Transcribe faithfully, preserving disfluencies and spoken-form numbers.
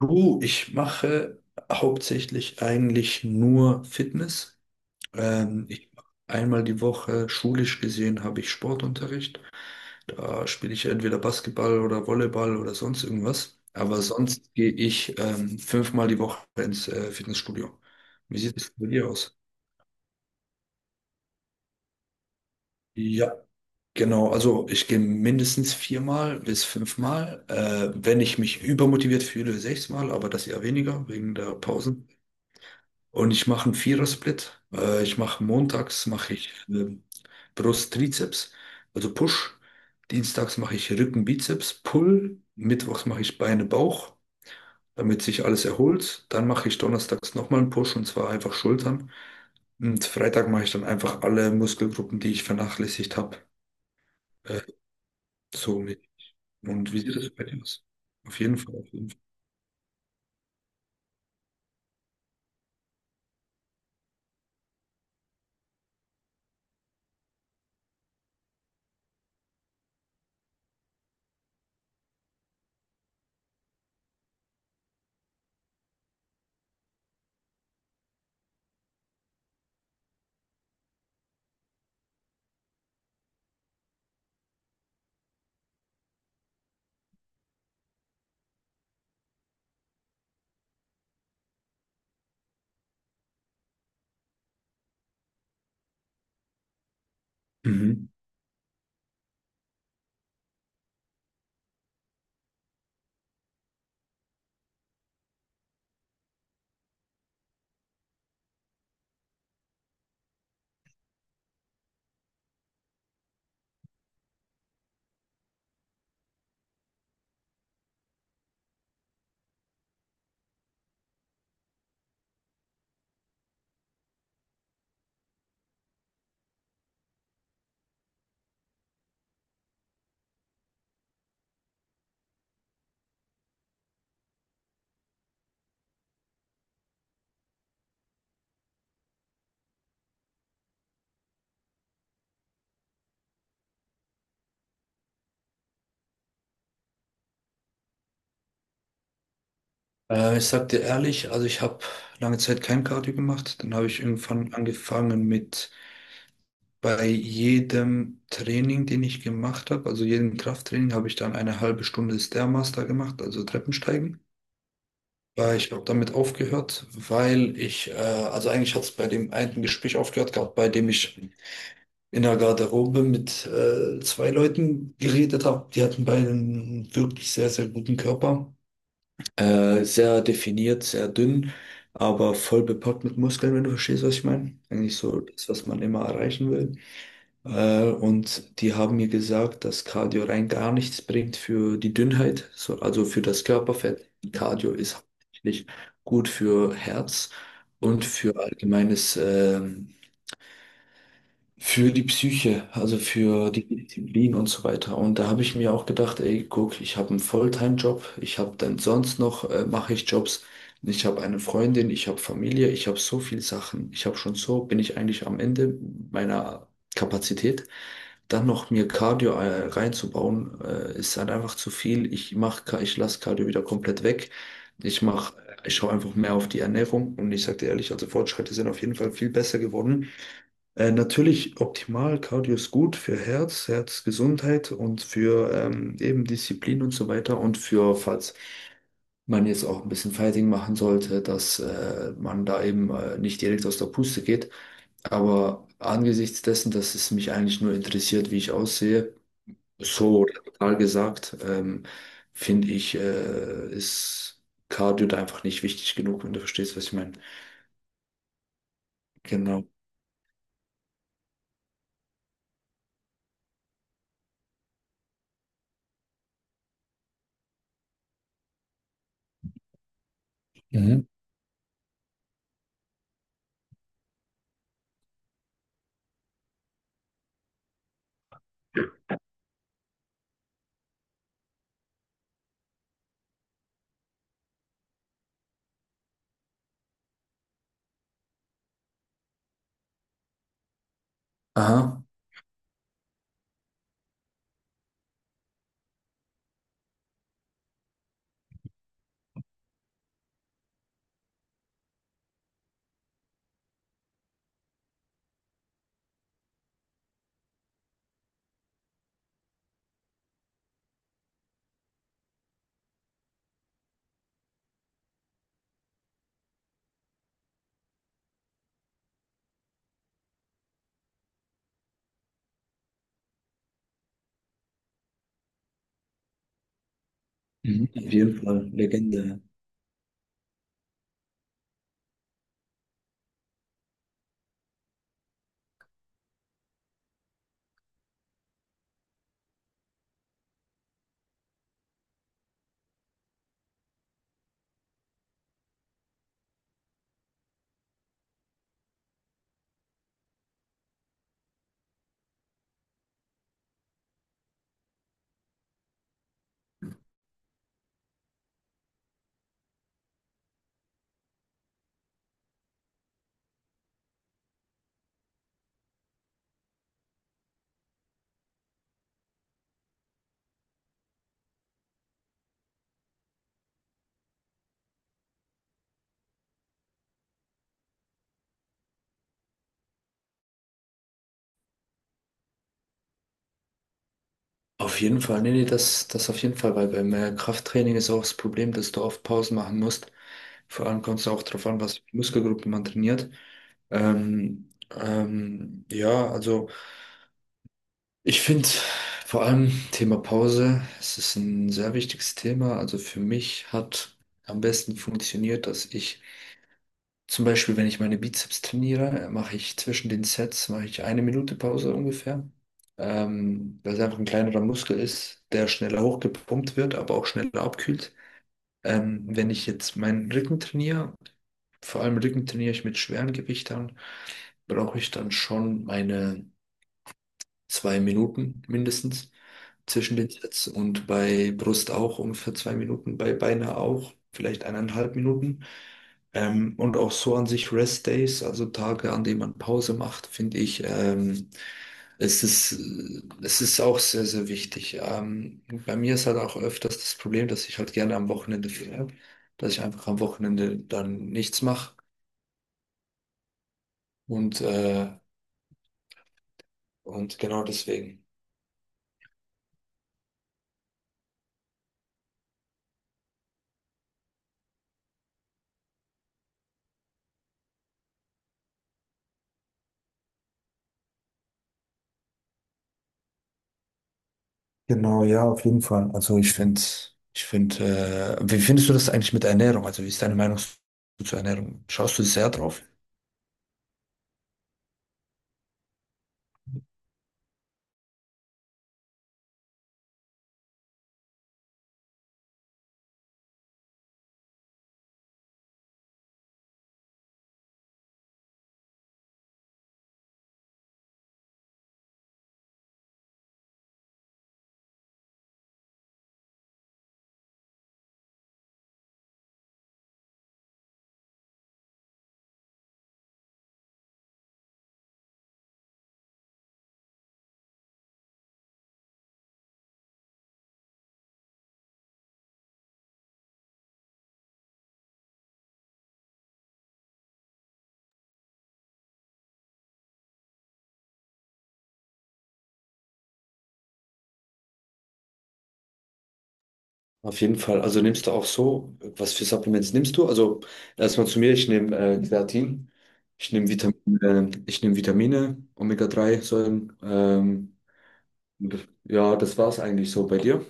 Du, ich mache hauptsächlich eigentlich nur Fitness. Ähm, ich, einmal die Woche, schulisch gesehen, habe ich Sportunterricht. Da spiele ich entweder Basketball oder Volleyball oder sonst irgendwas. Aber sonst gehe ich ähm, fünfmal die Woche ins äh, Fitnessstudio. Wie sieht es bei dir aus? Ja, genau. Also ich gehe mindestens viermal bis fünfmal. Äh, wenn ich mich übermotiviert fühle, sechsmal, aber das eher weniger wegen der Pausen. Und ich mache einen Vierer-Split. Äh, ich mache montags mache ich ähm, Brust, Trizeps, also Push. Dienstags mache ich Rücken, Bizeps, Pull. Mittwochs mache ich Beine, Bauch, damit sich alles erholt. Dann mache ich donnerstags nochmal einen Push und zwar einfach Schultern. Und Freitag mache ich dann einfach alle Muskelgruppen, die ich vernachlässigt habe. Äh, so mit. Und wie sieht das bei dir aus? Auf jeden Fall, auf jeden Fall. Mhm. Äh, ich sag dir ehrlich, also ich habe lange Zeit kein Cardio gemacht. Dann habe ich irgendwann angefangen mit bei jedem Training, den ich gemacht habe, also jedem Krafttraining, habe ich dann eine halbe Stunde Stairmaster gemacht, also Treppensteigen. Weil ich habe damit aufgehört, weil ich, äh, also eigentlich hat es bei dem einen Gespräch aufgehört gehabt, bei dem ich in der Garderobe mit äh, zwei Leuten geredet habe. Die hatten beide einen wirklich sehr, sehr guten Körper. Äh, sehr definiert, sehr dünn, aber voll bepackt mit Muskeln, wenn du verstehst, was ich meine. Eigentlich so das, was man immer erreichen will. Äh, und die haben mir gesagt, dass Cardio rein gar nichts bringt für die Dünnheit, so, also für das Körperfett. Cardio ist hauptsächlich gut für Herz und für allgemeines äh, für die Psyche, also für die Disziplin und so weiter. Und da habe ich mir auch gedacht, ey, guck, ich habe einen Volltime-Job, ich habe dann sonst noch, äh, mache ich Jobs, ich habe eine Freundin, ich habe Familie, ich habe so viel Sachen, ich habe schon so, bin ich eigentlich am Ende meiner Kapazität. Dann noch mir Cardio äh, reinzubauen, äh, ist halt einfach zu viel. Ich mache, ich lasse Cardio wieder komplett weg. Ich mache, ich schaue einfach mehr auf die Ernährung und ich sage dir ehrlich, also Fortschritte sind auf jeden Fall viel besser geworden. Äh, natürlich optimal, Cardio ist gut für Herz, Herzgesundheit und für ähm, eben Disziplin und so weiter und für, falls man jetzt auch ein bisschen Fighting machen sollte, dass äh, man da eben äh, nicht direkt aus der Puste geht. Aber angesichts dessen, dass es mich eigentlich nur interessiert, wie ich aussehe, so total gesagt, ähm, finde ich, äh, ist Cardio da einfach nicht wichtig genug, wenn du verstehst, was ich meine. Genau. Mhm. Aha. Mhm. Auf jeden Fall, Legende. Auf jeden Fall, nee, nee, das, das auf jeden Fall, weil beim äh, Krafttraining ist auch das Problem, dass du oft Pausen machen musst. Vor allem kommt es auch darauf an, was für Muskelgruppen man trainiert. Ähm, ähm, ja, also ich finde vor allem Thema Pause, es ist ein sehr wichtiges Thema. Also für mich hat am besten funktioniert, dass ich zum Beispiel, wenn ich meine Bizeps trainiere, äh, mache ich zwischen den Sets mache ich eine Minute Pause ungefähr, ähm, weil es einfach ein kleinerer Muskel ist, der schneller hochgepumpt wird, aber auch schneller abkühlt. Ähm, wenn ich jetzt meinen Rücken trainiere, vor allem Rücken trainiere ich mit schweren Gewichtern, brauche ich dann schon meine zwei Minuten mindestens zwischen den Sets und bei Brust auch ungefähr zwei Minuten, bei Beine auch vielleicht eineinhalb Minuten. Ähm, und auch so an sich Rest Days, also Tage, an denen man Pause macht, finde ich, ähm, es ist, äh, es ist auch sehr, sehr wichtig. Ähm, bei mir ist halt auch öfters das Problem, dass ich halt gerne am Wochenende frei dass ich einfach am Wochenende dann nichts mache und, äh, und genau deswegen. Genau, ja, auf jeden Fall. Also ich finde, ich finde, äh, wie findest du das eigentlich mit Ernährung? Also wie ist deine Meinung zu- zur Ernährung? Schaust du sehr drauf? Auf jeden Fall. Also nimmst du auch so, was für Supplements nimmst du? Also erstmal zu mir, ich nehme äh, Kreatin, ich nehme Vitamin, äh, ich nehme Vitamine, omega drei Säuren. Ähm, ja, das war es eigentlich so bei dir.